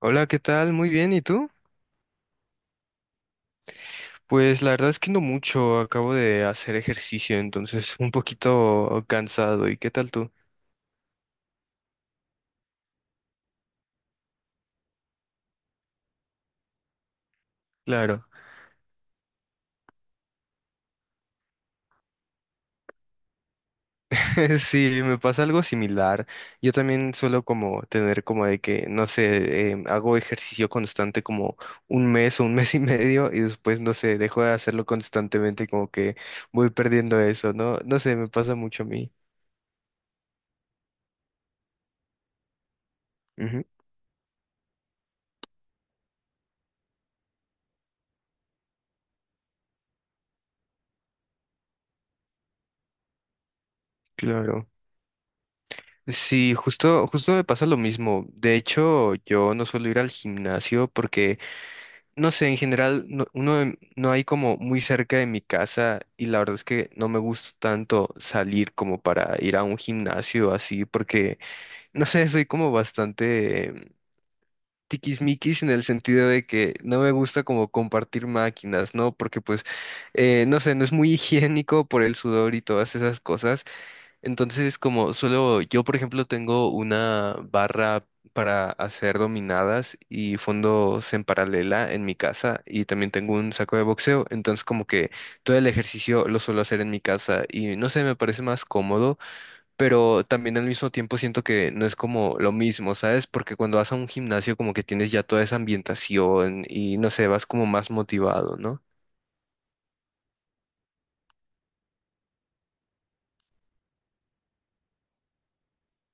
Hola, ¿qué tal? Muy bien, ¿y tú? Pues la verdad es que no mucho, acabo de hacer ejercicio, entonces un poquito cansado. ¿Y qué tal tú? Claro, sí, me pasa algo similar. Yo también suelo como tener como de que, no sé, hago ejercicio constante como un mes o un mes y medio y después, no sé, dejo de hacerlo constantemente, como que voy perdiendo eso, ¿no? No sé, me pasa mucho a mí. Ujú, claro. Sí, justo, justo me pasa lo mismo. De hecho, yo no suelo ir al gimnasio porque, no sé, en general no, no hay como muy cerca de mi casa y la verdad es que no me gusta tanto salir como para ir a un gimnasio así porque, no sé, soy como bastante tiquismiquis en el sentido de que no me gusta como compartir máquinas, ¿no? Porque pues, no sé, no es muy higiénico por el sudor y todas esas cosas. Entonces, como solo yo, por ejemplo, tengo una barra para hacer dominadas y fondos en paralela en mi casa y también tengo un saco de boxeo, entonces como que todo el ejercicio lo suelo hacer en mi casa y no sé, me parece más cómodo, pero también al mismo tiempo siento que no es como lo mismo, ¿sabes? Porque cuando vas a un gimnasio como que tienes ya toda esa ambientación y no sé, vas como más motivado, ¿no?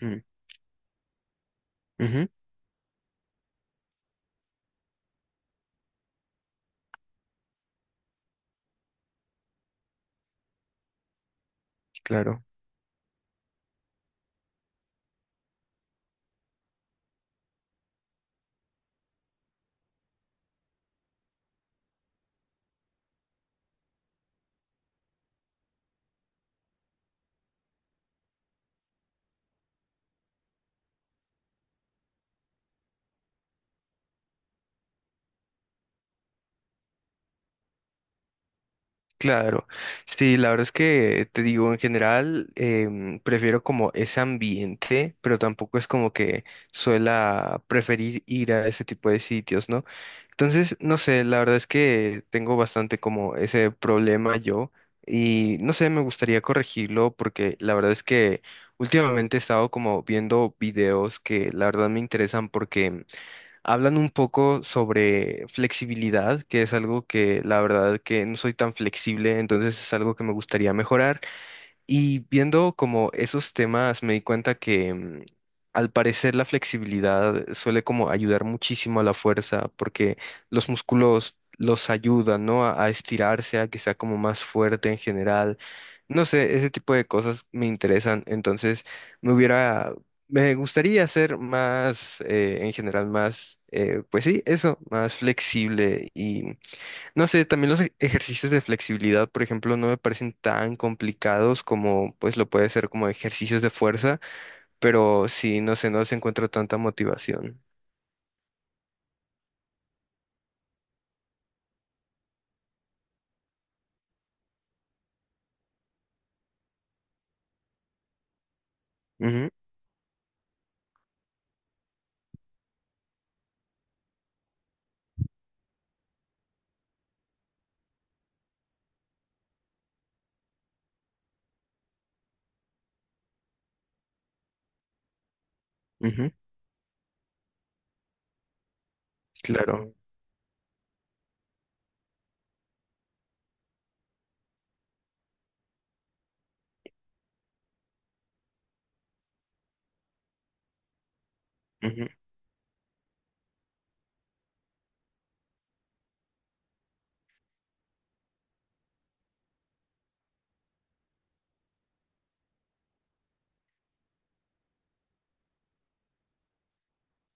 Mm, ujú, claro. Claro, sí, la verdad es que te digo, en general prefiero como ese ambiente, pero tampoco es como que suela preferir ir a ese tipo de sitios, ¿no? Entonces, no sé, la verdad es que tengo bastante como ese problema yo y no sé, me gustaría corregirlo porque la verdad es que últimamente he estado como viendo videos que la verdad me interesan porque hablan un poco sobre flexibilidad, que es algo que la verdad que no soy tan flexible, entonces es algo que me gustaría mejorar. Y viendo como esos temas, me di cuenta que al parecer la flexibilidad suele como ayudar muchísimo a la fuerza, porque los músculos los ayudan, ¿no? A estirarse, a que sea como más fuerte en general. No sé, ese tipo de cosas me interesan. Entonces, me hubiera, me gustaría ser más, en general, más, pues sí, eso, más flexible, no sé, también los ejercicios de flexibilidad, por ejemplo, no me parecen tan complicados como pues lo puede ser como ejercicios de fuerza, pero sí, no sé, no se encuentra tanta motivación. Ujú, ujú, claro, ujú,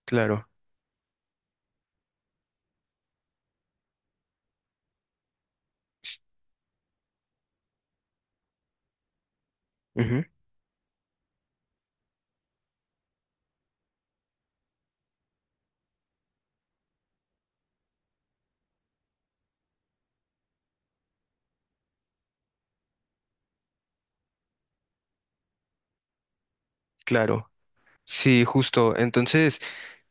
claro, ujú, claro. Sí, justo. Entonces,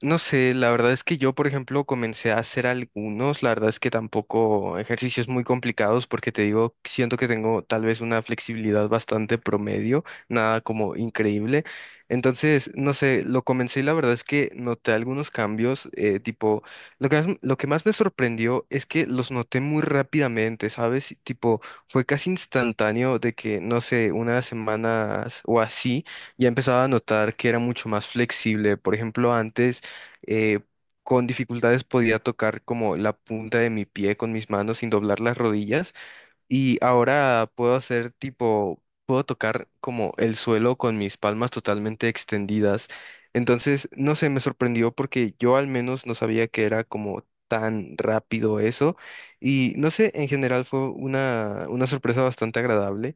no sé, la verdad es que yo, por ejemplo, comencé a hacer algunos, la verdad es que tampoco ejercicios muy complicados porque te digo, siento que tengo tal vez una flexibilidad bastante promedio, nada como increíble. Entonces, no sé, lo comencé y la verdad es que noté algunos cambios, tipo, lo que más me sorprendió es que los noté muy rápidamente, ¿sabes? Tipo, fue casi instantáneo de que, no sé, unas semanas o así, ya empezaba a notar que era mucho más flexible. Por ejemplo, antes eh, con dificultades podía tocar como la punta de mi pie con mis manos sin doblar las rodillas y ahora puedo hacer tipo, puedo tocar como el suelo con mis palmas totalmente extendidas. Entonces, no sé, me sorprendió porque yo al menos no sabía que era como tan rápido eso y no sé, en general fue una sorpresa bastante agradable.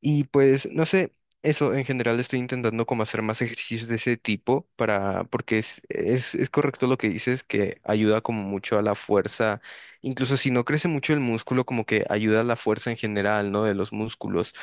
Y pues, no sé, eso en general estoy intentando como hacer más ejercicios de ese tipo para, porque es correcto lo que dices, que ayuda como mucho a la fuerza, incluso si no crece mucho el músculo, como que ayuda a la fuerza en general, ¿no? De los músculos.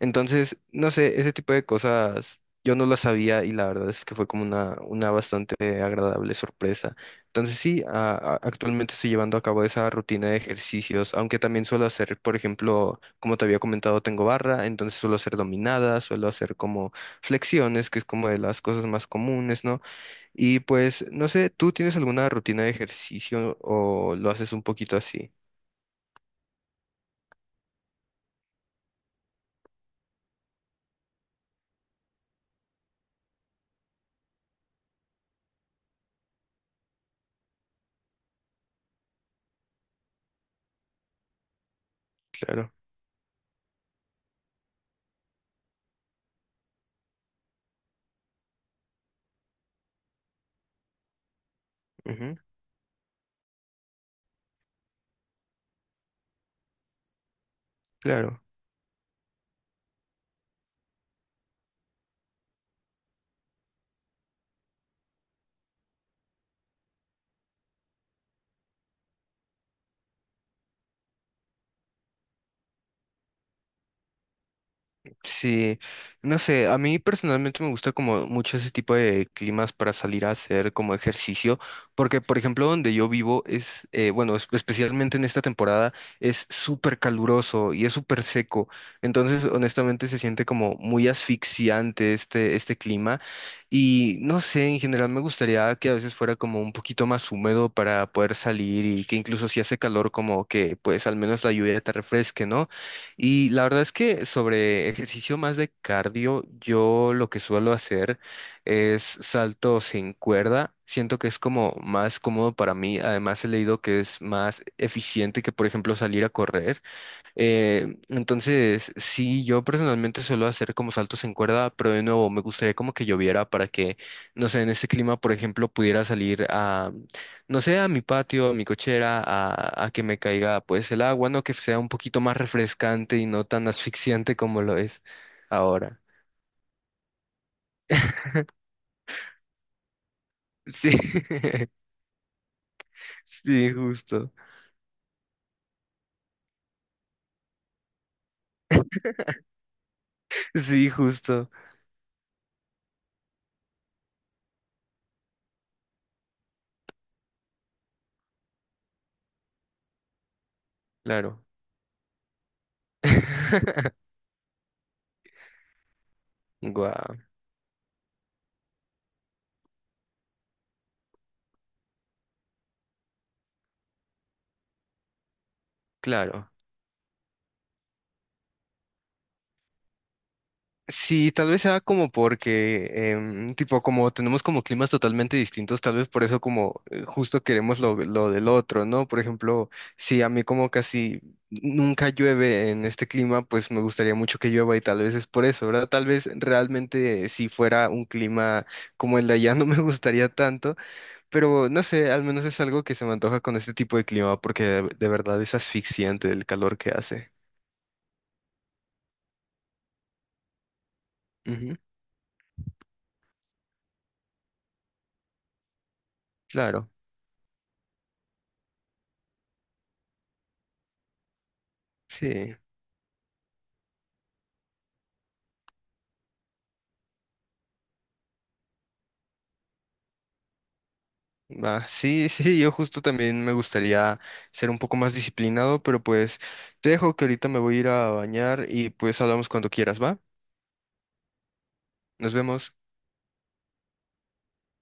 Entonces, no sé, ese tipo de cosas yo no las sabía y la verdad es que fue como una bastante agradable sorpresa. Entonces, sí, actualmente estoy llevando a cabo esa rutina de ejercicios, aunque también suelo hacer, por ejemplo, como te había comentado, tengo barra, entonces suelo hacer dominadas, suelo hacer como flexiones, que es como de las cosas más comunes, ¿no? Y pues, no sé, ¿tú tienes alguna rutina de ejercicio o lo haces un poquito así? Claro, ujú, claro. Sí, no sé, a mí personalmente me gusta como mucho ese tipo de climas para salir a hacer como ejercicio, porque por ejemplo donde yo vivo es, bueno, especialmente en esta temporada es súper caluroso y es súper seco, entonces honestamente se siente como muy asfixiante este, este clima y no sé, en general me gustaría que a veces fuera como un poquito más húmedo para poder salir y que incluso si hace calor como que pues al menos la lluvia te refresque, ¿no? Y la verdad es que sobre ejercicio más de cardio, yo lo que suelo hacer es salto sin cuerda. Siento que es como más cómodo para mí. Además, he leído que es más eficiente que, por ejemplo, salir a correr. Entonces, sí, yo personalmente suelo hacer como saltos en cuerda, pero de nuevo, me gustaría como que lloviera para que, no sé, en este clima, por ejemplo, pudiera salir a, no sé, a mi patio, a mi cochera, a que me caiga pues el agua, ¿no? Que sea un poquito más refrescante y no tan asfixiante como lo es ahora. Sí, sí, justo. Sí, justo. Claro. Guau, claro. Sí, tal vez sea como porque, tipo, como tenemos como climas totalmente distintos, tal vez por eso como justo queremos lo del otro, ¿no? Por ejemplo, si a mí como casi nunca llueve en este clima, pues me gustaría mucho que llueva y tal vez es por eso, ¿verdad? Tal vez realmente si fuera un clima como el de allá no me gustaría tanto, pero no sé, al menos es algo que se me antoja con este tipo de clima porque de verdad es asfixiante el calor que hace. Ujú, claro, sí. Va, sí, sí, yo justo también me gustaría ser un poco más disciplinado, pero pues te dejo que ahorita me voy a ir a bañar y pues hablamos cuando quieras, ¿va? Nos vemos.